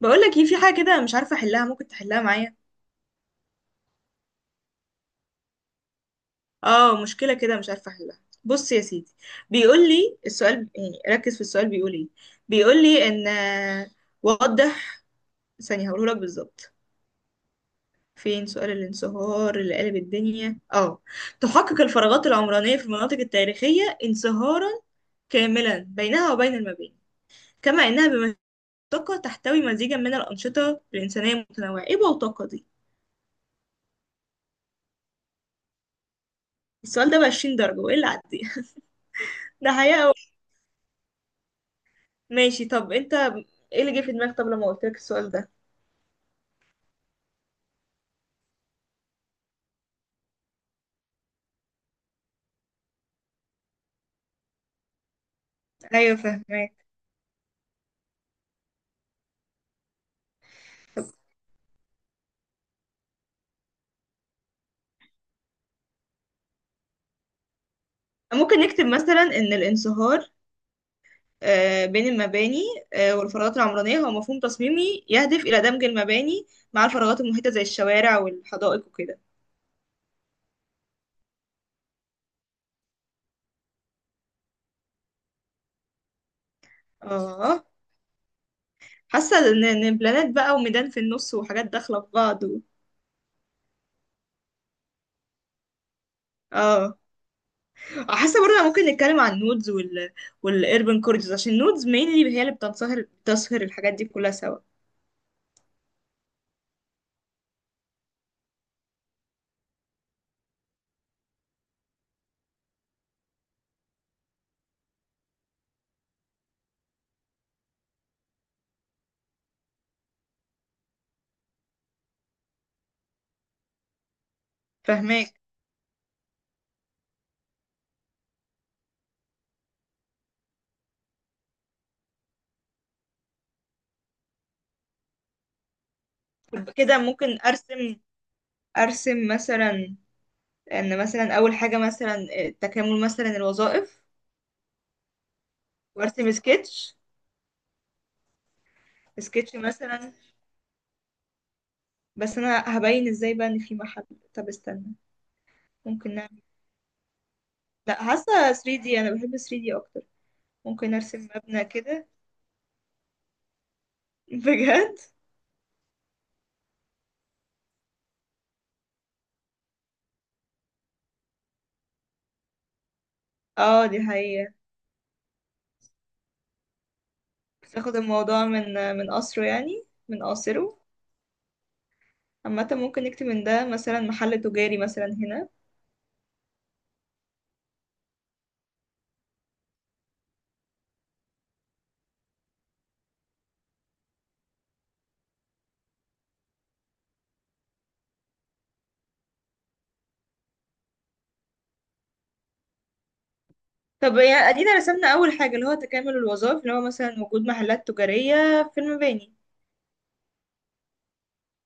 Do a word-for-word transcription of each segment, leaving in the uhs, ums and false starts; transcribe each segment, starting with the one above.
بقول لك ايه، في حاجه كده مش عارفه احلها. ممكن تحلها معايا؟ اه، مشكله كده مش عارفه احلها. بص يا سيدي، بيقول لي السؤال، يعني ركز في السؤال بيقول ايه. بيقول لي ان آه، وضح. ثانيه هقوله لك بالظبط. فين سؤال الانصهار اللي قلب الدنيا؟ اه تحقق الفراغات العمرانيه في المناطق التاريخيه انصهارا كاملا بينها وبين المباني، كما انها بمنطقه تحتوي مزيجا من الانشطه الانسانيه المتنوعه. ايه بوتقه دي؟ السؤال ده ب عشرين درجه وايه اللي عديها ده حقيقه. ماشي، طب انت ايه اللي جه في دماغك طب لما قلت لك السؤال ده؟ ايوه فاهمك. طب ممكن نكتب مثلا ان الانصهار آه، بين المباني آه، والفراغات العمرانية هو مفهوم تصميمي يهدف إلى دمج المباني مع الفراغات المحيطة زي الشوارع والحدائق وكده. اه. حاسة ان إن بلانات بقى وميدان في النص وحاجات داخلة في بعض و... اه. حاسة برضه ممكن نتكلم عن النودز وال والاربن كوريدورز عشان النودز mainly هي اللي بتنصهر بتسهر الحاجات دي كلها سوا. فاهمك. كده ممكن ارسم، ارسم مثلا ان مثلا اول حاجه مثلا آه، تكامل مثلا الوظائف وارسم سكتش. سكتش مثلا، بس انا هبين ازاي بقى ان في محل. طب استنى، ممكن نعمل إيه؟ لا، حاسه ثري دي. انا بحب ثري دي اكتر. ممكن ارسم مبنى كده. بجد. اه، دي حقيقة. تاخد الموضوع من من قصره يعني من قاصره. عامة ممكن نكتب من ده مثلا محل تجاري مثلا هنا. طب يعني ادينا رسمنا اول حاجة اللي هو تكامل الوظائف اللي هو مثلا وجود محلات تجارية في المباني.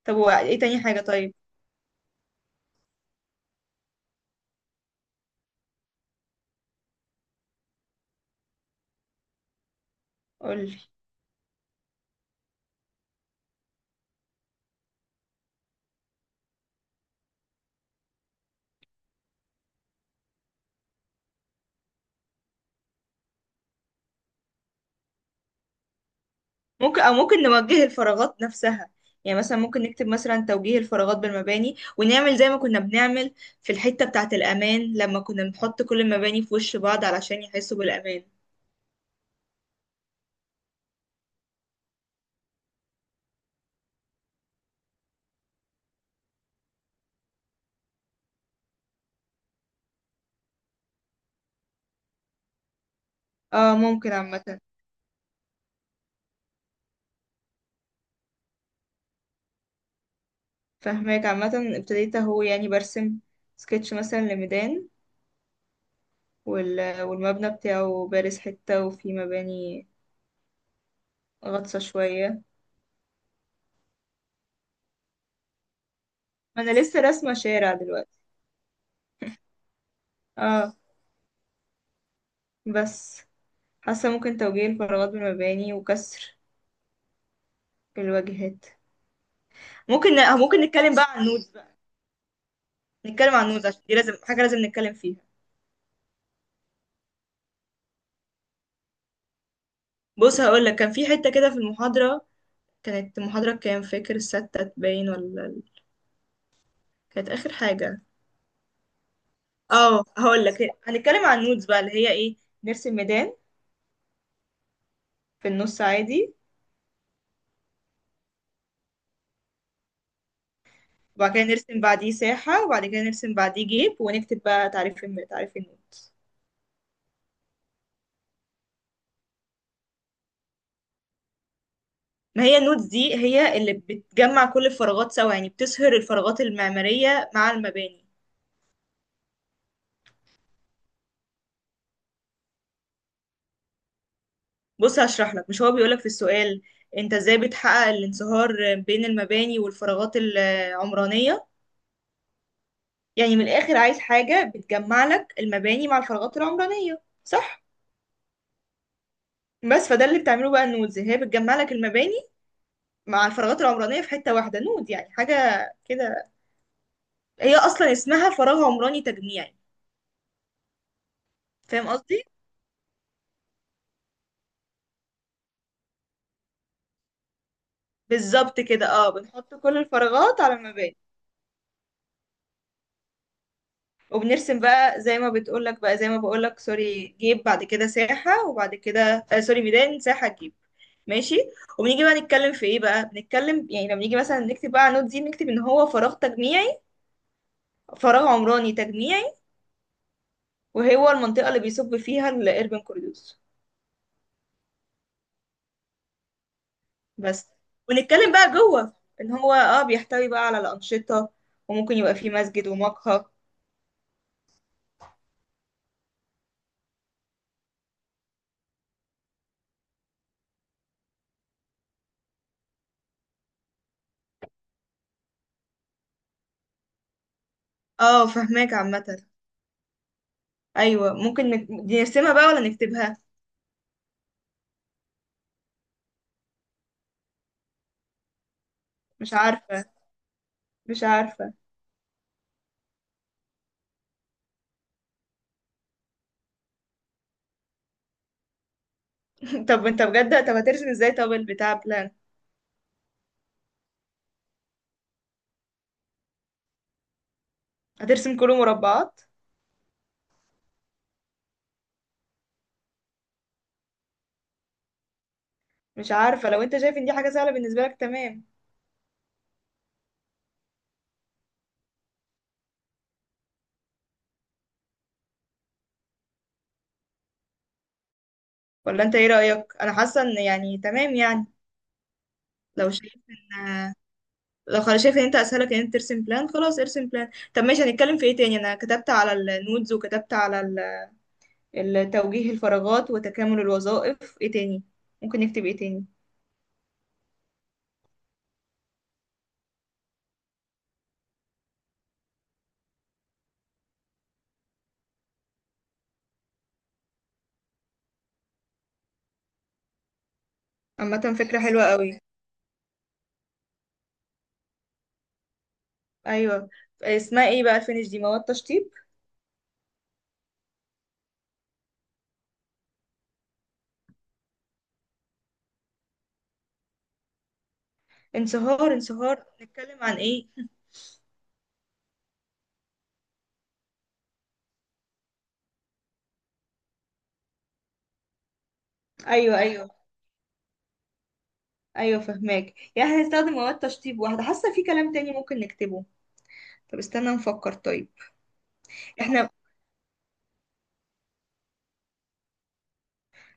طب وايه تاني حاجة طيب؟ قولي. ممكن، او ممكن نوجه الفراغات نفسها. يعني مثلا ممكن نكتب مثلا توجيه الفراغات بالمباني ونعمل زي ما كنا بنعمل في الحتة بتاعة الأمان لما كنا بنحط كل المباني في وش بعض علشان يحسوا بالأمان. اه ممكن عامة. فهماك. عامة ابتديت اهو يعني برسم سكتش مثلا لميدان وال... والمبنى بتاعه بارز حتة وفي مباني غطسة شوية. ما انا لسه راسمة شارع دلوقتي. اه. بس حاسة ممكن توجيه الفراغات بالمباني وكسر الواجهات. ممكن. ممكن نتكلم بقى عن النودز بقى. نتكلم عن النودز عشان دي لازم حاجة لازم نتكلم فيها. بص هقول لك، كان في حتة كده في المحاضرة. كانت محاضرة كام، فاكر الستة باين ولا ال- كانت آخر حاجة. اه هقول لك، هنتكلم عن النودز بقى اللي هي ايه. نرسم ميدان في النص عادي، وبعد كده نرسم بعديه ساحة، وبعد كده نرسم بعديه جيب، ونكتب بقى تعريف الم- تعريف النودز. ما هي النودز دي هي اللي بتجمع كل الفراغات سوا، يعني بتسهر الفراغات المعمارية مع المباني. بص هشرح لك، مش هو بيقولك في السؤال انت ازاي بتحقق الانصهار بين المباني والفراغات العمرانية؟ يعني من الآخر عايز حاجة بتجمع لك المباني مع الفراغات العمرانية، صح؟ بس فده اللي بتعمله بقى النودز، هي بتجمع لك المباني مع الفراغات العمرانية في حتة واحدة، نود يعني حاجة كده. هي أصلا اسمها فراغ عمراني تجميعي. فاهم قصدي؟ بالظبط كده. اه، بنحط كل الفراغات على المباني. وبنرسم بقى زي ما بتقولك، بقى زي ما بقولك، سوري جيب بعد كده ساحة، وبعد كده آه سوري ميدان ساحة جيب. ماشي. وبنيجي بقى نتكلم في ايه بقى، بنتكلم يعني لما نيجي مثلا نكتب بقى على النوت دي، نكتب ان هو فراغ تجميعي، فراغ عمراني تجميعي، وهو المنطقة اللي بيصب فيها الاربن كوريوس. بس، ونتكلم بقى جوه ان هو اه بيحتوي بقى على الأنشطة، وممكن يبقى فيه مسجد ومقهى. اه فهماك عامة. ايوه ممكن نك- دي نرسمها بقى ولا نكتبها. مش عارفة، مش عارفة. طب انت بجد طب هترسم ازاي طب البتاع بلان؟ هترسم كله مربعات؟ مش عارفة، لو انت شايف ان دي حاجة سهلة بالنسبة لك تمام. ولا انت ايه رأيك؟ انا حاسة ان يعني تمام يعني. لو شايف ان، لو خلاص شايف ان انت اسهلك ان انت ترسم بلان، خلاص ارسم بلان. طب ماشي هنتكلم في ايه تاني؟ انا كتبت على النودز وكتبت على ال- التوجيه الفراغات وتكامل الوظائف. ايه تاني؟ ممكن نكتب ايه تاني؟ عامة فكرة حلوة قوي. ايوه، اسمها ايه بقى الفينش دي؟ مواد تشطيب، انصهار. انصهار نتكلم عن ايه؟ ايوه ايوه ايوه فهماك. يعني احنا هنستخدم مواد تشطيب واحده. حاسه في كلام تاني ممكن نكتبه. طب استنى نفكر طيب. احنا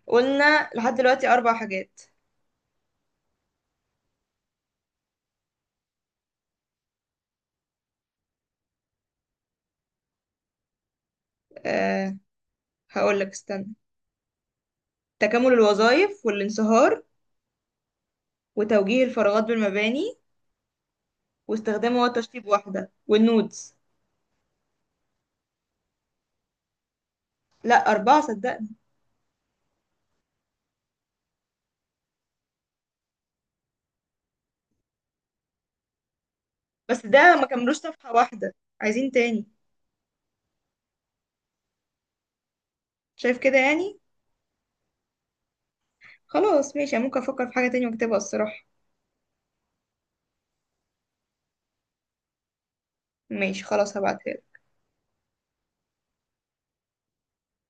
قلنا لحد دلوقتي اربع حاجات. أه هقول لك استنى، تكامل الوظائف والانصهار وتوجيه الفراغات بالمباني واستخدام مواد تشطيب واحده والنودز. لا اربعه صدقني. بس ده ما كملوش صفحه واحده، عايزين تاني. شايف كده يعني. خلاص ماشي أنا ممكن افكر في حاجه تانية واكتبها الصراحه. ماشي خلاص هبعتها.